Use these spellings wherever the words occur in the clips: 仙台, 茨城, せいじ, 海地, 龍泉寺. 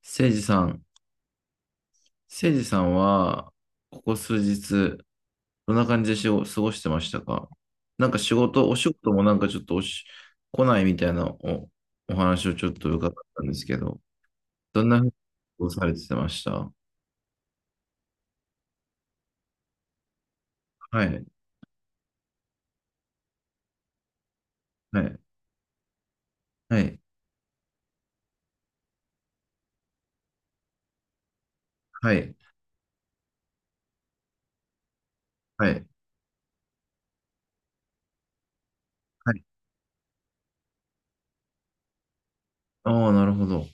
せいじさん、せいじさんは、ここ数日、どんな感じご過ごしてましたか？なんか仕事、お仕事もなんかちょっと来ないみたいなお話をちょっと伺ったんですけど、どんなふうに過ごされてましたはい、はい、はい、はい、はい、はい。ああ、なるほど。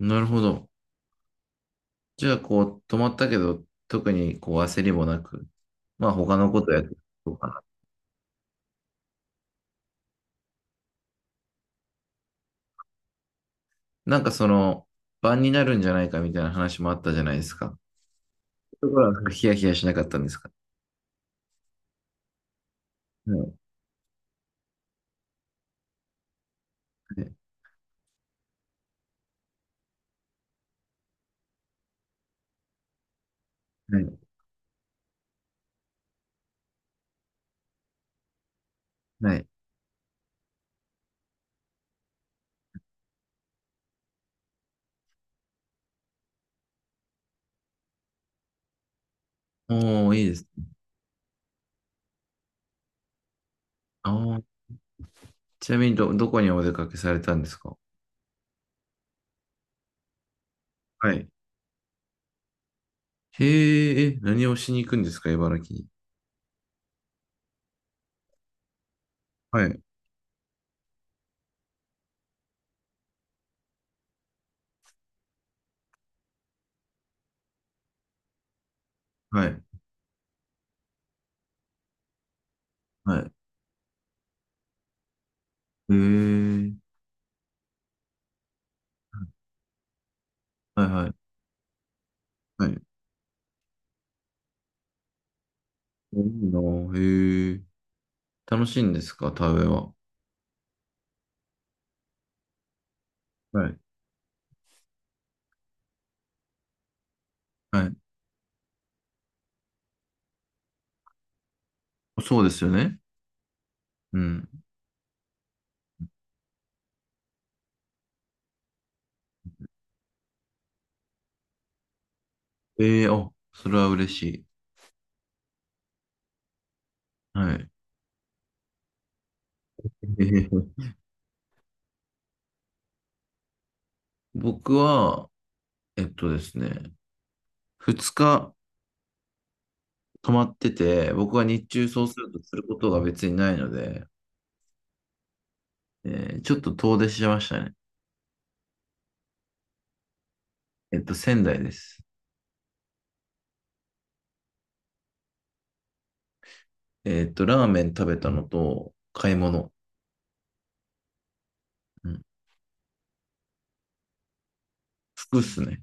なるほど。じゃあ、こう、止まったけど、特にこう焦りもなく、まあ他のことやってとか。なんかその、晩になるんじゃないかみたいな話もあったじゃないですか。そういうところはなんかヒヤヒヤしなかったんですか？はい。はい。はい。おー、いいです。ああ、ちなみにどこにお出かけされたんですか？はい。へえ、え、何をしに行くんですか、茨城に？はい。はい。はい。へえ。はいはい。はい。いいなあ。へえ。楽しいんですか、田植えは？はい。はい。そうですよね。うん。ええ、あ、それは嬉しい。はい。ええ。僕は、ですね、2日泊まってて、僕は日中そうするとすることが別にないので、えちょっと遠出しましたね。仙台です。ラーメン食べたのと、買い物。うん、服っすね。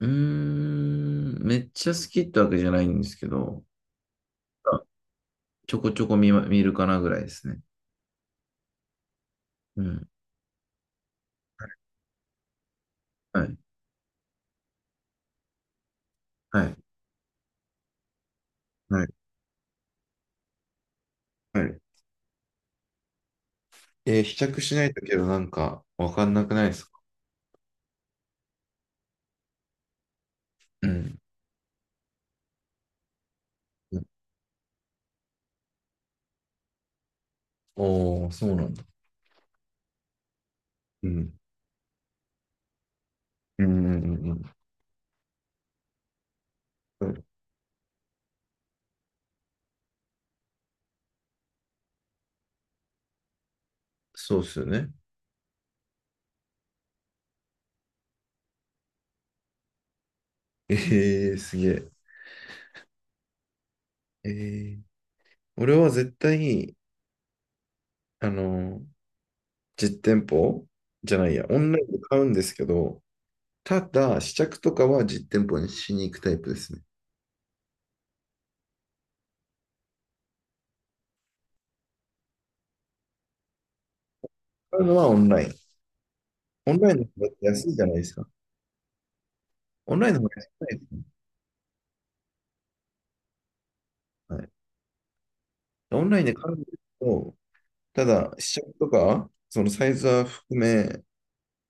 うーん、めっちゃ好きってわけじゃないんですけど、あちょこちょこ見るかなぐらいですね。うん。はい、はい、はい、はい。えー試着しないとけどなんかわかんなくないですか？うん。おー、そうなんだ。うん。うんうんうん。うん、そうっすよね。ええ、すげえ。ええ、俺は絶対に、あの、実店舗じゃないや、オンラインで買うんですけど、ただ、試着とかは実店舗にしに行くタイプですね。買うのはオンライン。オンラインの方が安いじゃないですか。オンラインの方が安くないですね。はい。オンラインで買うんですけど、ただ、試着とか、そのサイズは含め、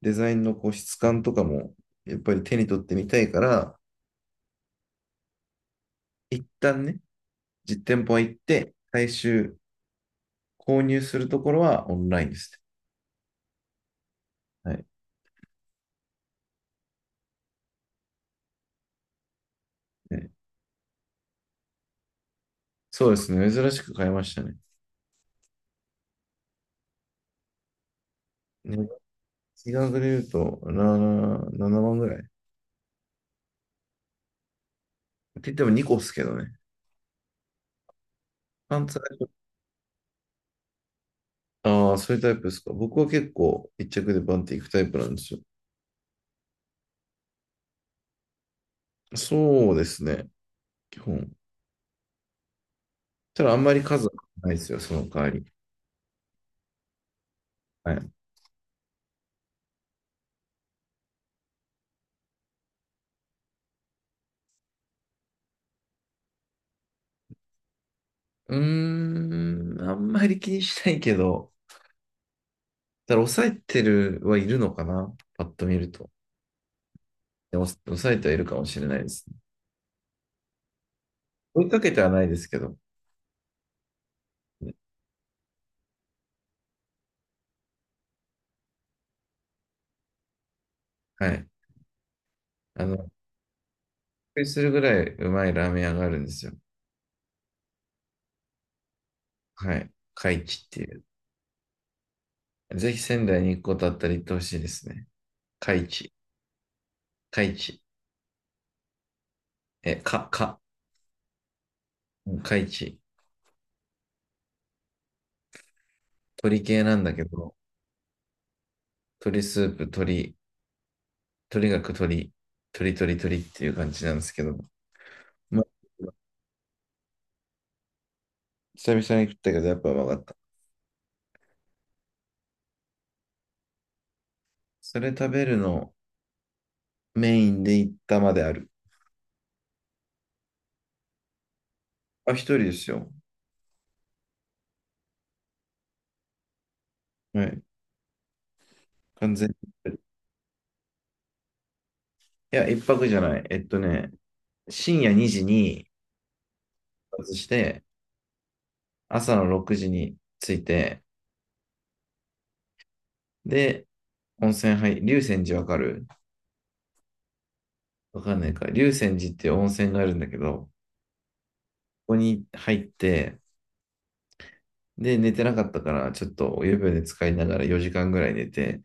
デザインのこう質感とかも、やっぱり手に取ってみたいから、一旦ね、実店舗は行って、最終購入するところはオンラインですね。はい。ね、そうですね。珍しく買いましたね。ね、金額で言うと、7、7万ぐらい。って言っても2個ですけどね。パンツは。ああ、そういうタイプですか。僕は結構一着でバンっていくタイプなんですよ。そうですね。基本。ただあんまり数はないですよ、その代わり。はい。うーん、あんまり気にしないけど、ただから抑えてるはいるのかな。パッと見ると。でも、抑えてはいるかもしれないですね。追いかけてはないですけど。ね。はい。あの、びっくりするぐらいうまいラーメン屋があるんですよ。はい。海地っていう。ぜひ仙台に行くことあったら行ってほしいですね。海地。海地。え、か、か。うん、海地。鳥系なんだけど、鳥スープ、鳥、とにかく鳥、鳥鳥鳥っていう感じなんですけど、まあ、久々に食ったけど、やっぱうまかった。それ食べるのメインで行ったまである。あ、一人ですよ。はい。完全に一人。いや、一泊じゃない。深夜2時に出発して、朝の6時に着いて、で、温泉入、龍泉寺わかる？わかんないか。龍泉寺って温泉があるんだけど、ここに入って、で、寝てなかったから、ちょっとお湯船で使いながら4時間ぐらい寝て、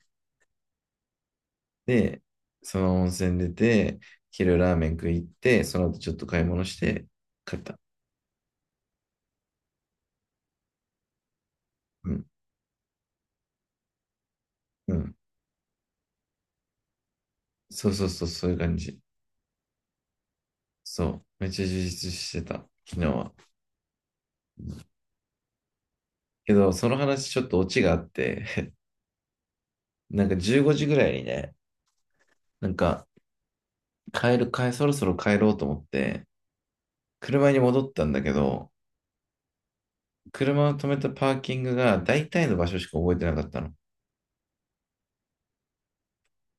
で、その温泉出て、昼ラーメン食い行って、その後ちょっと買い物して、帰った。うん。うん。そうそうそう、そういう感じ。そう。めっちゃ充実してた、昨日は。けど、その話ちょっとオチがあって、なんか15時ぐらいにね、なんか帰る、帰、そろそろ帰ろうと思って、車に戻ったんだけど、車を止めたパーキングが大体の場所しか覚えてなかったの。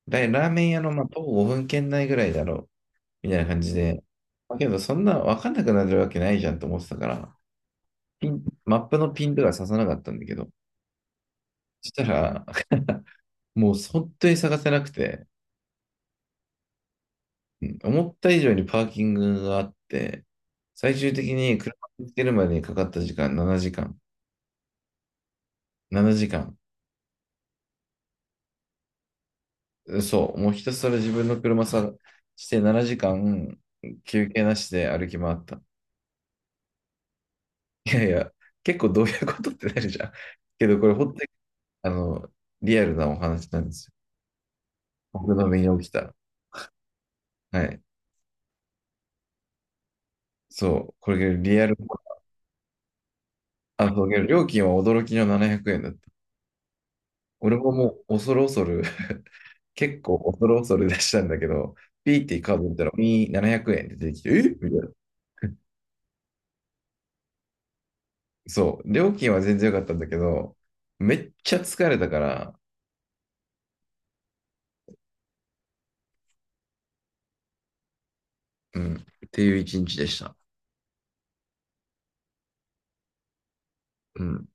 ラーメン屋の、まあ、徒歩5分圏内ぐらいだろう、みたいな感じで。だけど、そんな分かんなくなるわけないじゃんと思ってたから、マップのピンとか刺さなかったんだけど、そしたら、もう本当に探せなくて、うん、思った以上にパーキングがあって、最終的に車を見つけるまでにかかった時間7時間。7時間。そう、もうひたすら自分の車さして7時間休憩なしで歩き回った。いやいや、結構どういうことってなるじゃん。けどこれ本当に、あの、リアルなお話なんですよ。僕の身に起きた。はい。そう、これリアル、あ、そう、けど料金は驚きの700円だった。俺ももう恐る恐る 結構恐る恐る出したんだけど、ピーってカード見たら、700円って出てきて、えみたいな。そう、料金は全然良かったんだけど、めっちゃ疲れたから、うん。っていう一日でした。うん。